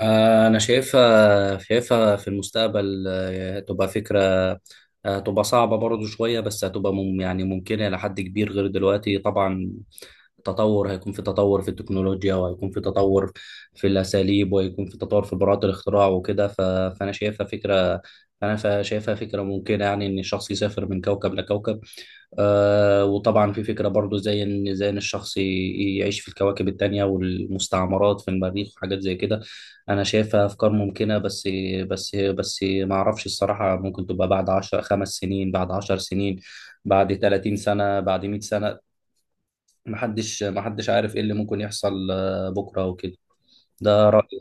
أنا شايفها في المستقبل، تبقى فكرة، تبقى صعبة برضو شوية، بس هتبقى يعني ممكنة إلى حد كبير غير دلوقتي طبعا. تطور، هيكون في تطور في التكنولوجيا، وهيكون في تطور في الأساليب، وهيكون في تطور في براءة الاختراع وكده. فأنا شايفها فكرة أنا شايفها فكرة ممكنة، يعني إن الشخص يسافر من كوكب لكوكب. وطبعا في فكرة برضو، زي ان الشخص يعيش في الكواكب التانية والمستعمرات في المريخ وحاجات زي كده. انا شايفها افكار ممكنة. بس ما اعرفش الصراحة، ممكن تبقى بعد عشر 5 سنين، بعد 10 سنين، بعد 30 سنة، بعد 100 سنة. محدش عارف ايه اللي ممكن يحصل بكرة وكده. ده رأيي.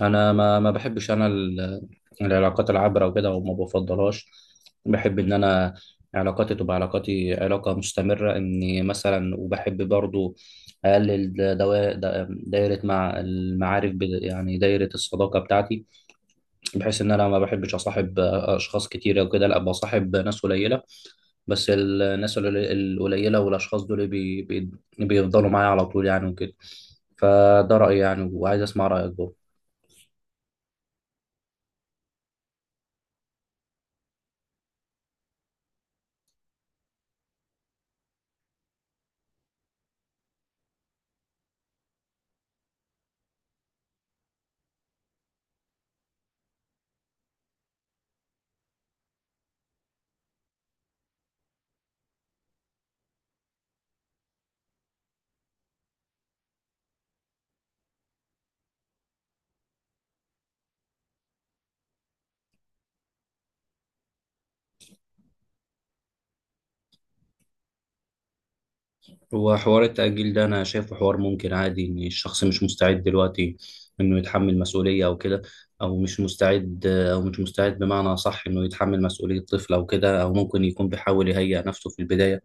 انا ما بحبش، العلاقات العابره وكده، وما بفضلهاش. بحب ان انا علاقاتي تبقى، علاقه مستمره، اني مثلا. وبحب برضو اقلل دايره مع المعارف، يعني دايره الصداقه بتاعتي، بحيث ان انا ما بحبش اصاحب اشخاص كتيره وكده. لا، بصاحب ناس قليله، بس الناس القليله والاشخاص دول بي بي بيفضلوا معايا على طول يعني وكده. فده رايي يعني، وعايز اسمع رايك برضو. هو حوار التأجيل ده أنا شايفه حوار ممكن عادي، إن الشخص مش مستعد دلوقتي إنه يتحمل مسؤولية أو كده. أو مش مستعد، بمعنى صح إنه يتحمل مسؤولية طفل أو كده. أو ممكن يكون بيحاول يهيئ نفسه في البداية،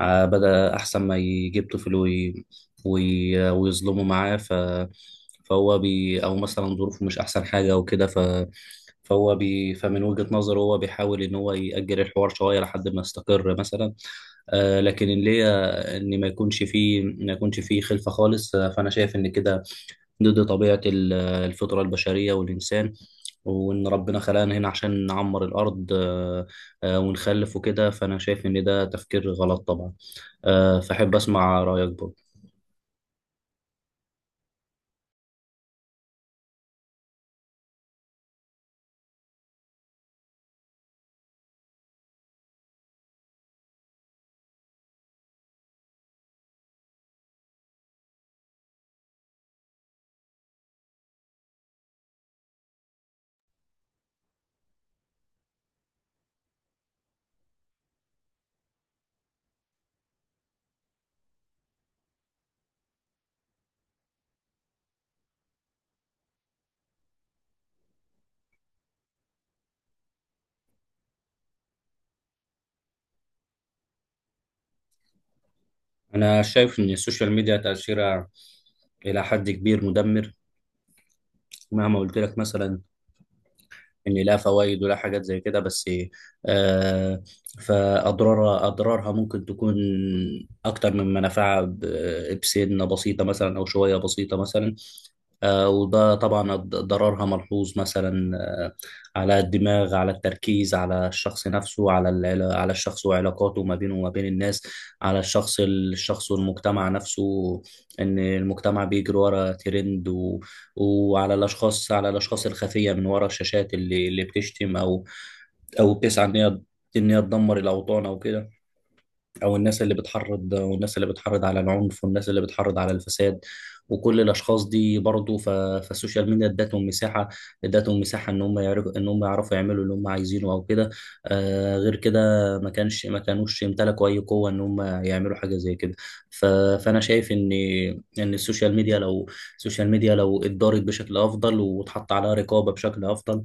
بدأ أحسن ما يجيب طفل ويظلمه معاه. أو مثلا ظروفه مش أحسن حاجة أو كده. فمن وجهة نظره هو بيحاول إن هو يأجل الحوار شوية لحد ما يستقر مثلا. لكن اللي هي ان ما يكونش فيه خلفه خالص، فانا شايف ان كده ضد الفطره البشريه والانسان، وان ربنا خلقنا هنا عشان نعمر الارض، ونخلف وكده. فانا شايف ان ده تفكير غلط طبعا. فاحب اسمع رايك برضه. انا شايف ان السوشيال ميديا تاثيرها الى حد كبير مدمر، مهما قلت لك مثلا ان لا فوائد ولا حاجات زي كده، بس آه اضرارها ممكن تكون اكتر من منافعها بسنه بسيطه مثلا، او شويه بسيطه مثلا. وده طبعا ضررها ملحوظ مثلا، على الدماغ، على التركيز، على الشخص نفسه، على الشخص وعلاقاته ما بينه وما بين الناس، على الشخص والمجتمع نفسه، ان المجتمع بيجري ورا ترند، وعلى الاشخاص على الاشخاص الخفيه من ورا الشاشات، اللي بتشتم، او بتسعى ان هي، تدمر الاوطان او كده. او الناس اللي بتحرض، والناس اللي بتحرض على العنف، والناس اللي بتحرض على الفساد، وكل الاشخاص دي برضه. فالسوشيال ميديا ادتهم مساحه، ان هم يعرفوا، يعملوا اللي هم عايزينه او كده. غير كده ما كانوش يمتلكوا اي قوه ان هم يعملوا حاجه زي كده. ف... فانا شايف ان السوشيال ميديا لو، اتدارت بشكل افضل واتحط عليها رقابه بشكل افضل.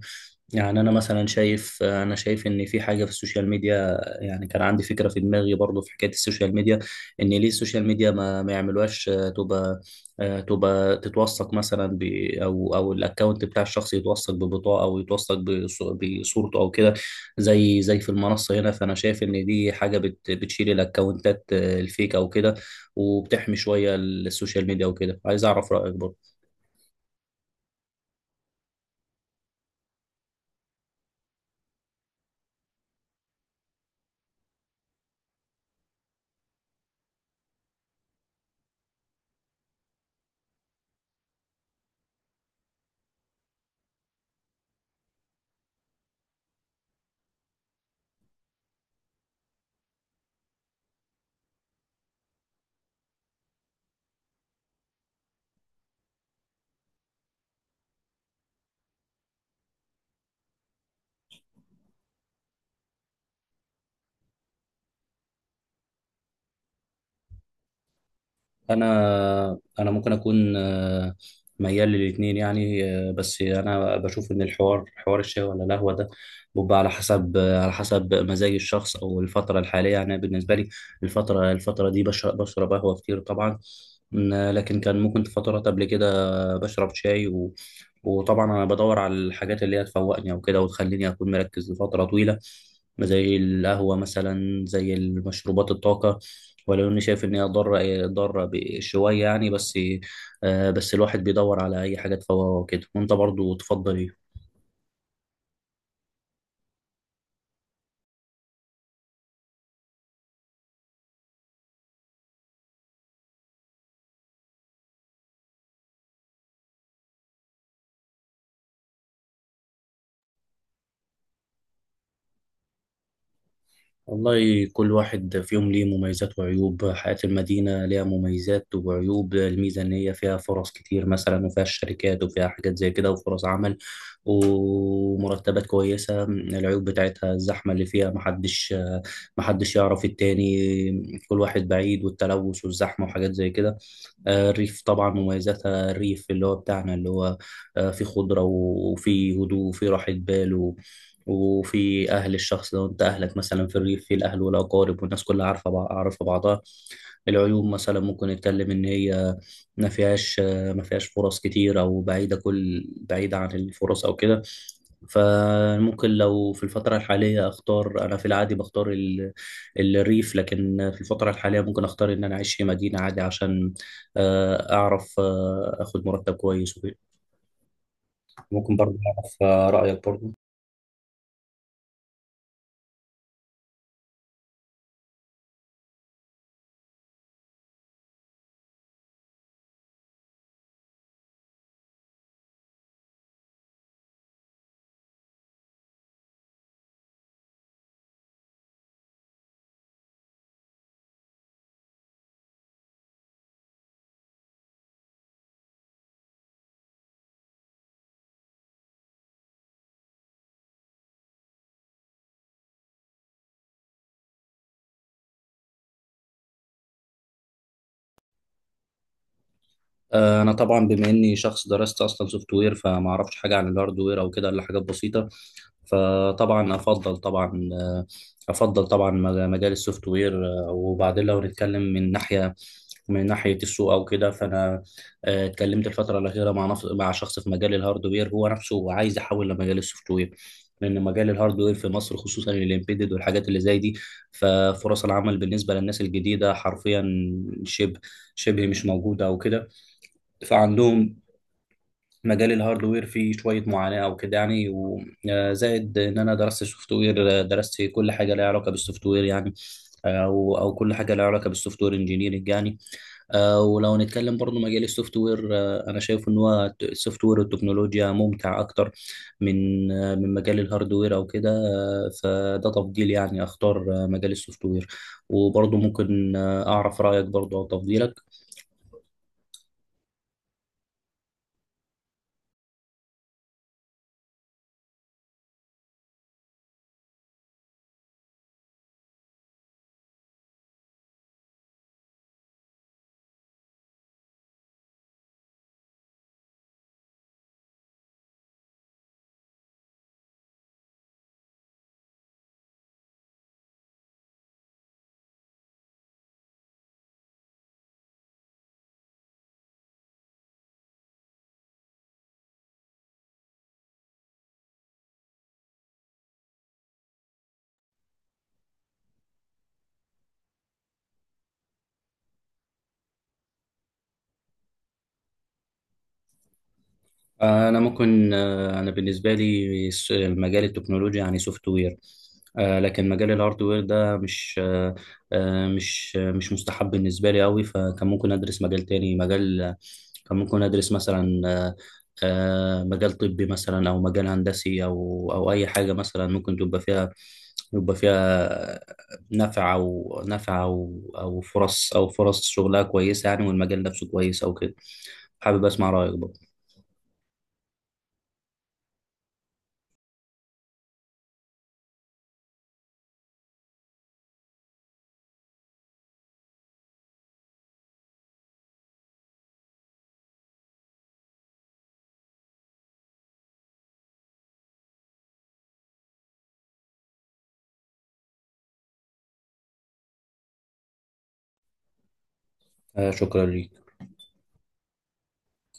يعني انا شايف ان في حاجه في السوشيال ميديا يعني، كان عندي فكره في دماغي برضو في حكايه السوشيال ميديا، ان ليه السوشيال ميديا ما يعملوهاش تبقى، تبقى تتوثق مثلا ب، او الاكونت بتاع الشخص يتوثق ببطاقه، او يتوثق بصورته او كده، زي في المنصه هنا. فانا شايف ان دي حاجه بتشيل الاكونتات الفيك او كده، وبتحمي شويه السوشيال ميديا وكده. عايز اعرف رايك برضو. انا ممكن اكون ميال للاتنين يعني. بس انا بشوف ان حوار الشاي ولا القهوه ده بيبقى على حسب، مزاج الشخص او الفتره الحاليه يعني. أنا بالنسبه لي الفتره دي بشرب قهوه كتير طبعا. لكن كان ممكن في فترات قبل كده بشرب شاي وطبعا انا بدور على الحاجات اللي هي تفوقني او كده، وتخليني اكون مركز لفتره طويله، زي القهوه مثلا، زي المشروبات الطاقه، ولو اني شايف ان هي ضاره شويه يعني. بس بس الواحد بيدور على اي حاجه تفوقه وكده. وانت برضو تفضل ايه؟ والله كل واحد فيهم ليه مميزات وعيوب. حياة المدينة ليها مميزات وعيوب. الميزة إن هي فيها فرص كتير مثلا، وفيها الشركات، وفيها حاجات زي كده، وفرص عمل ومرتبات كويسة. العيوب بتاعتها الزحمة اللي فيها، محدش يعرف التاني، كل واحد بعيد، والتلوث والزحمة وحاجات زي كده. الريف طبعا مميزاتها، الريف اللي هو بتاعنا اللي هو، في خضرة وفي هدوء وفي راحة بال وفي أهل، الشخص لو أنت أهلك مثلا في الريف في الأهل والأقارب، والناس كلها عارفة بعضها. العيوب مثلا ممكن نتكلم إن هي ما فيهاش ما فيهاش فرص كتير، أو بعيدة بعيدة عن الفرص أو كده. فممكن، لو في الفترة الحالية أختار، أنا في العادي بختار الريف، لكن في الفترة الحالية ممكن أختار إن أنا أعيش في مدينة عادي، عشان اعرف، اخد مرتب كويس وكده. ممكن برضه اعرف رايك برضه. انا طبعا بما اني شخص درست اصلا سوفت وير، فما اعرفش حاجه عن الهاردوير او كده الا حاجات بسيطه. فطبعا افضل طبعا افضل طبعا مجال السوفت وير. وبعدين لو نتكلم من ناحيه، السوق او كده، فانا اتكلمت الفتره الاخيره مع مع شخص في مجال الهاردوير، هو نفسه عايز يحول لمجال السوفت وير، لان مجال الهاردوير في مصر خصوصا الامبيدد والحاجات اللي زي دي، ففرص العمل بالنسبه للناس الجديده حرفيا شبه شبه مش موجوده او كده. فعندهم مجال الهاردوير فيه شوية معاناة أو كده يعني، وزائد إن أنا درست سوفت وير درست كل حاجة لها علاقة بالسوفت وير يعني، أو كل حاجة لها علاقة بالسوفت وير انجينيرنج يعني. ولو نتكلم برضو مجال السوفت وير، أنا شايف إن هو السوفت وير والتكنولوجيا ممتع أكتر من مجال الهاردوير أو كده. فده تفضيل يعني. أختار مجال السوفت وير، وبرضو ممكن أعرف رأيك برضو أو تفضيلك. انا ممكن انا بالنسبه لي مجال التكنولوجيا يعني سوفت وير، لكن مجال الهاردوير ده مش آه، آه، مش آه، مش مستحب بالنسبه لي قوي. فكان ممكن ادرس مجال تاني، كان ممكن ادرس مثلا مجال طبي مثلا، او مجال هندسي، او اي حاجه مثلا ممكن تبقى فيها، يبقى فيها نفع او فرص شغلها كويسه يعني، والمجال نفسه كويس او كده. حابب اسمع رايك برضه. شكرا ليك.